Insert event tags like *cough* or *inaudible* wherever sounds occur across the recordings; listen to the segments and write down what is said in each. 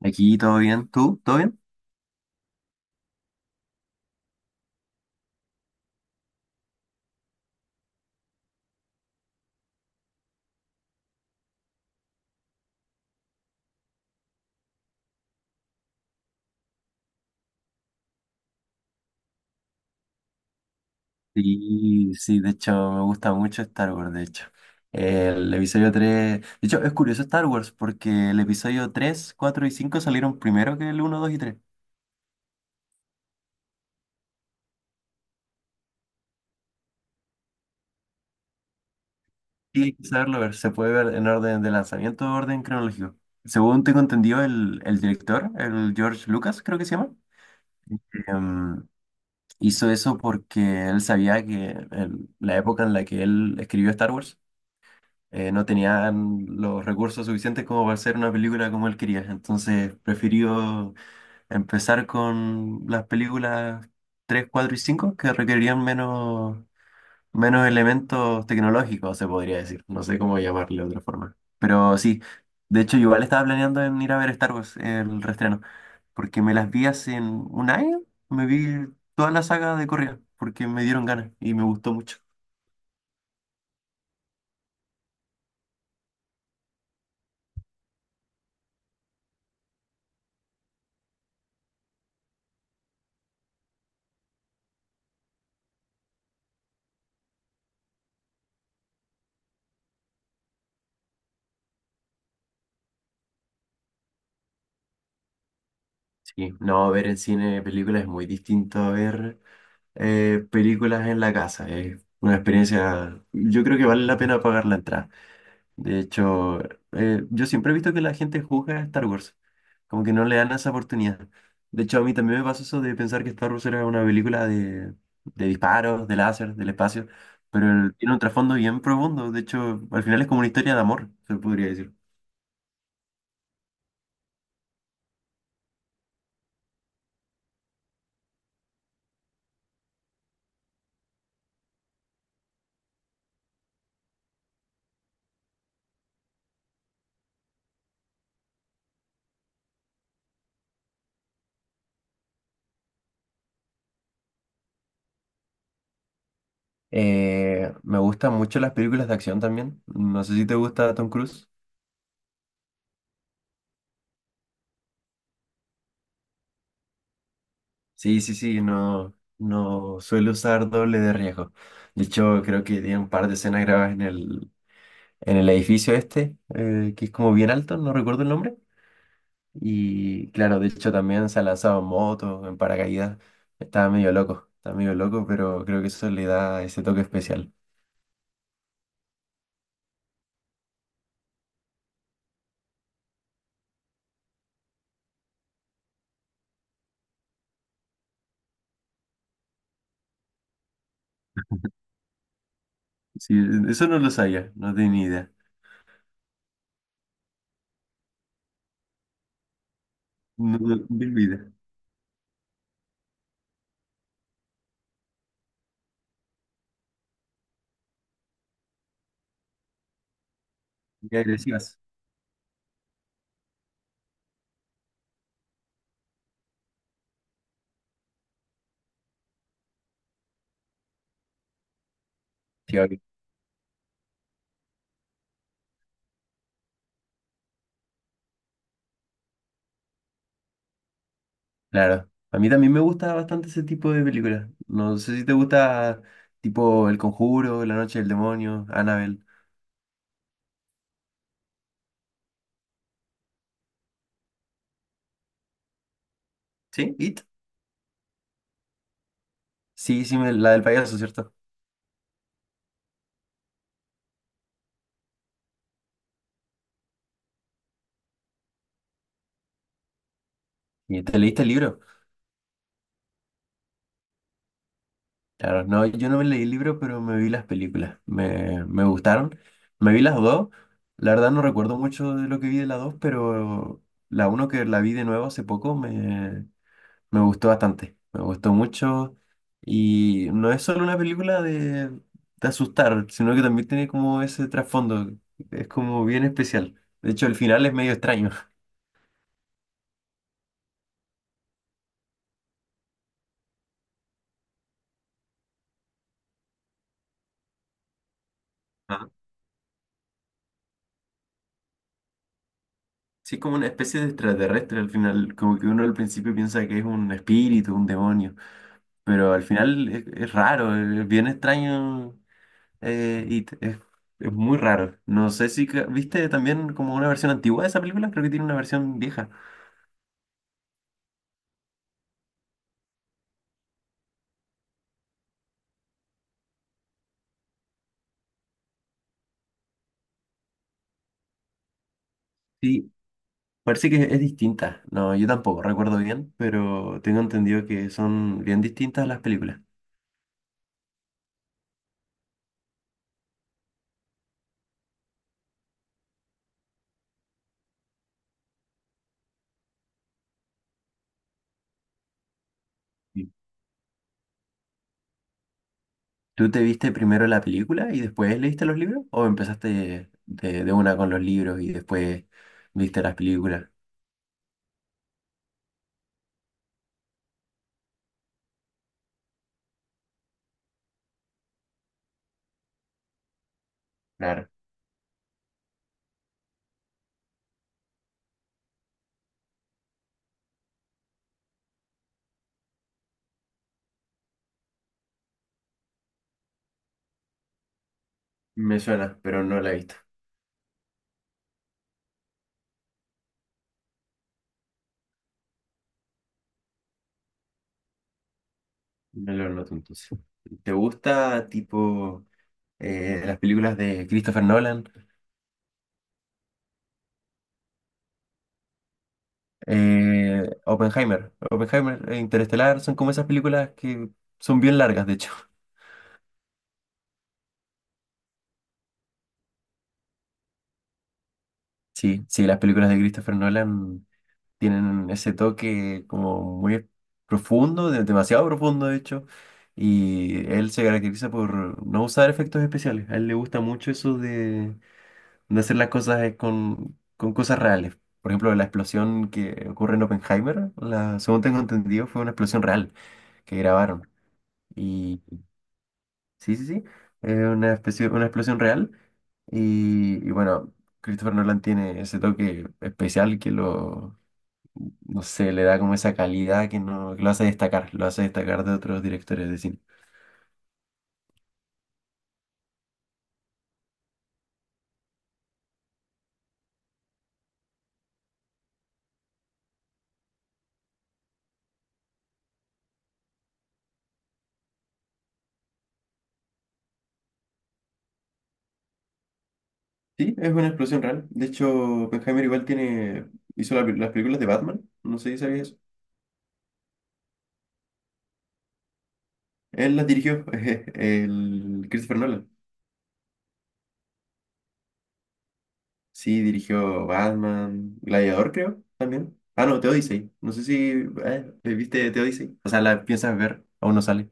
Aquí todo bien, ¿tú? ¿Todo bien? Sí, sí, de hecho me gusta mucho Star Wars, de hecho. El episodio 3, de hecho es curioso Star Wars porque el episodio 3, 4 y 5 salieron primero que el uno, 2 y 3. Sí, hay que saberlo ver, se puede ver en orden de lanzamiento o orden cronológico. Según tengo entendido, el director, el George Lucas creo que se llama, em, hizo eso porque él sabía que en la época en la que él escribió Star Wars, no tenían los recursos suficientes como para hacer una película como él quería. Entonces prefirió empezar con las películas 3, 4 y 5 que requerían menos, menos elementos tecnológicos, se podría decir. No sé cómo llamarle de otra forma. Pero sí, de hecho yo igual estaba planeando en ir a ver Star Wars, el reestreno, porque me las vi hace un año, me vi toda la saga de Correa, porque me dieron ganas y me gustó mucho. Sí, no, ver en cine películas es muy distinto a ver películas en la casa. Es una experiencia, yo creo que vale la pena pagar la entrada. De hecho, yo siempre he visto que la gente juzga a Star Wars, como que no le dan esa oportunidad. De hecho, a mí también me pasó eso de pensar que Star Wars era una película de disparos, de láser, del espacio, pero tiene un trasfondo bien profundo. De hecho, al final es como una historia de amor, se podría decir. Me gustan mucho las películas de acción también. No sé si te gusta Tom Cruise. Sí, sí, sí, no, no suelo usar doble de riesgo. De hecho, creo que tiene un par de escenas grabadas en en el edificio este, que es como bien alto, no recuerdo el nombre. Y claro, de hecho también se ha lanzado en moto, en paracaídas. Estaba medio loco, pero creo que eso le da ese toque especial. Sí, eso no lo sabía, no tenía ni idea. No, no, ni idea. Y agresivas. Claro, a mí también me gusta bastante ese tipo de películas. No sé si te gusta tipo El Conjuro, La Noche del Demonio, Annabelle. ¿Sí? ¿It? Sí, sí, la del payaso, ¿cierto? ¿Y te leíste el libro? Claro, no, yo no me leí el libro, pero me vi las películas. Me gustaron. Me vi las dos. La verdad no recuerdo mucho de lo que vi de las dos, pero la uno que la vi de nuevo hace poco. Me gustó bastante, me gustó mucho y no es solo una película de asustar, sino que también tiene como ese trasfondo, es como bien especial. De hecho, el final es medio extraño. *laughs* Ah. Sí, es como una especie de extraterrestre al final, como que uno al principio piensa que es un espíritu, un demonio, pero al final es raro, es bien extraño y es muy raro. No sé si viste también como una versión antigua de esa película, creo que tiene una versión vieja. Sí. Parece que es distinta. No, yo tampoco recuerdo bien, pero tengo entendido que son bien distintas las películas. Sí. ¿Tú te viste primero la película y después leíste los libros? ¿O empezaste de una con los libros y después viste las películas? Claro, me suena, pero no la he visto. Me lo noto entonces. ¿Te gusta tipo las películas de Christopher Nolan? Oppenheimer. Oppenheimer e Interestelar son como esas películas que son bien largas, de hecho. Sí, sí, las películas de Christopher Nolan tienen ese toque como muy profundo, demasiado profundo de hecho, y él se caracteriza por no usar efectos especiales. A él le gusta mucho eso de hacer las cosas con cosas reales. Por ejemplo, la explosión que ocurre en Oppenheimer, la, según tengo entendido, fue una explosión real que grabaron. Sí, sí, sí. Es una especie, una explosión real. Y bueno, Christopher Nolan tiene ese toque especial que lo, no sé, le da como esa calidad que, no, que lo hace destacar de otros directores de cine. Sí, es una explosión real. De hecho, Oppenheimer igual tiene, hizo las películas de Batman, no sé si sabías eso. Él las dirigió, *laughs* el Christopher Nolan. Sí, dirigió Batman, Gladiador, creo, también. Ah, no, The Odyssey. No sé si ¿viste The Odyssey? O sea, la piensas ver, aún no sale.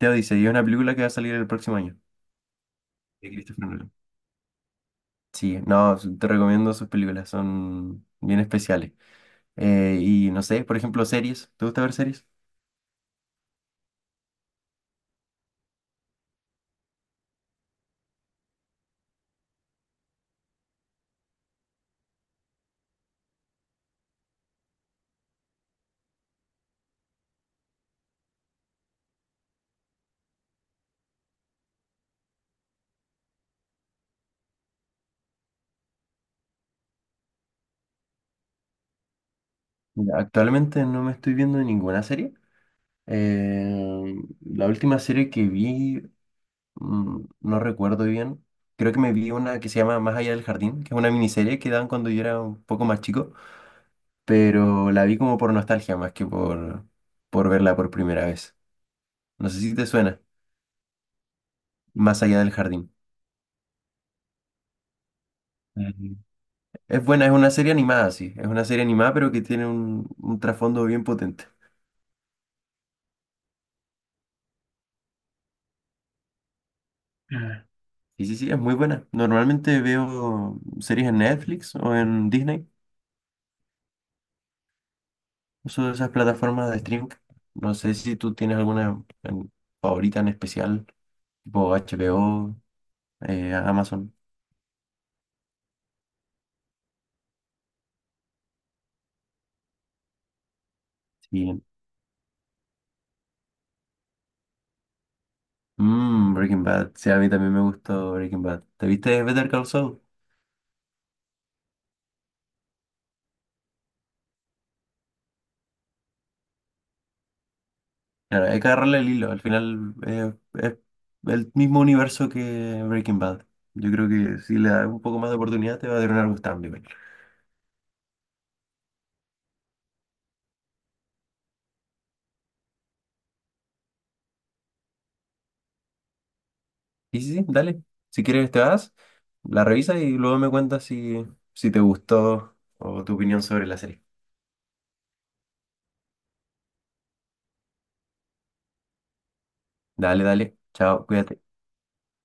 The Odyssey es una película que va a salir el próximo año. De Christopher Nolan. Sí, no, te recomiendo sus películas, son bien especiales. Y no sé, por ejemplo, series. ¿Te gusta ver series? Mira, actualmente no me estoy viendo ninguna serie. Eh, la última serie que vi Mm, no recuerdo bien. Creo que me vi una que se llama Más allá del jardín, que es una miniserie que daban cuando yo era un poco más chico, pero la vi como por nostalgia más que por verla por primera vez. No sé si te suena, Más allá del jardín. Ujú. Es buena, es una serie animada, sí. Es una serie animada, pero que tiene un trasfondo bien potente. Ah, sí, sí, sí, es muy buena. Normalmente veo series en Netflix o en Disney, uso esas plataformas de streaming. No sé si tú tienes alguna favorita en especial. Tipo H HBO, Amazon. Sí. Mm, Breaking Bad. Sí, a mí también me gustó Breaking Bad. ¿Te viste Better Call Saul? Claro, hay que agarrarle el hilo. Al final es el mismo universo que Breaking Bad. Yo creo que si le das un poco más de oportunidad te va a dar un algo cambio. Y sí, sí, dale. Si quieres te vas, la revisas y luego me cuentas si, si te gustó o tu opinión sobre la serie. Dale, dale. Chao, cuídate.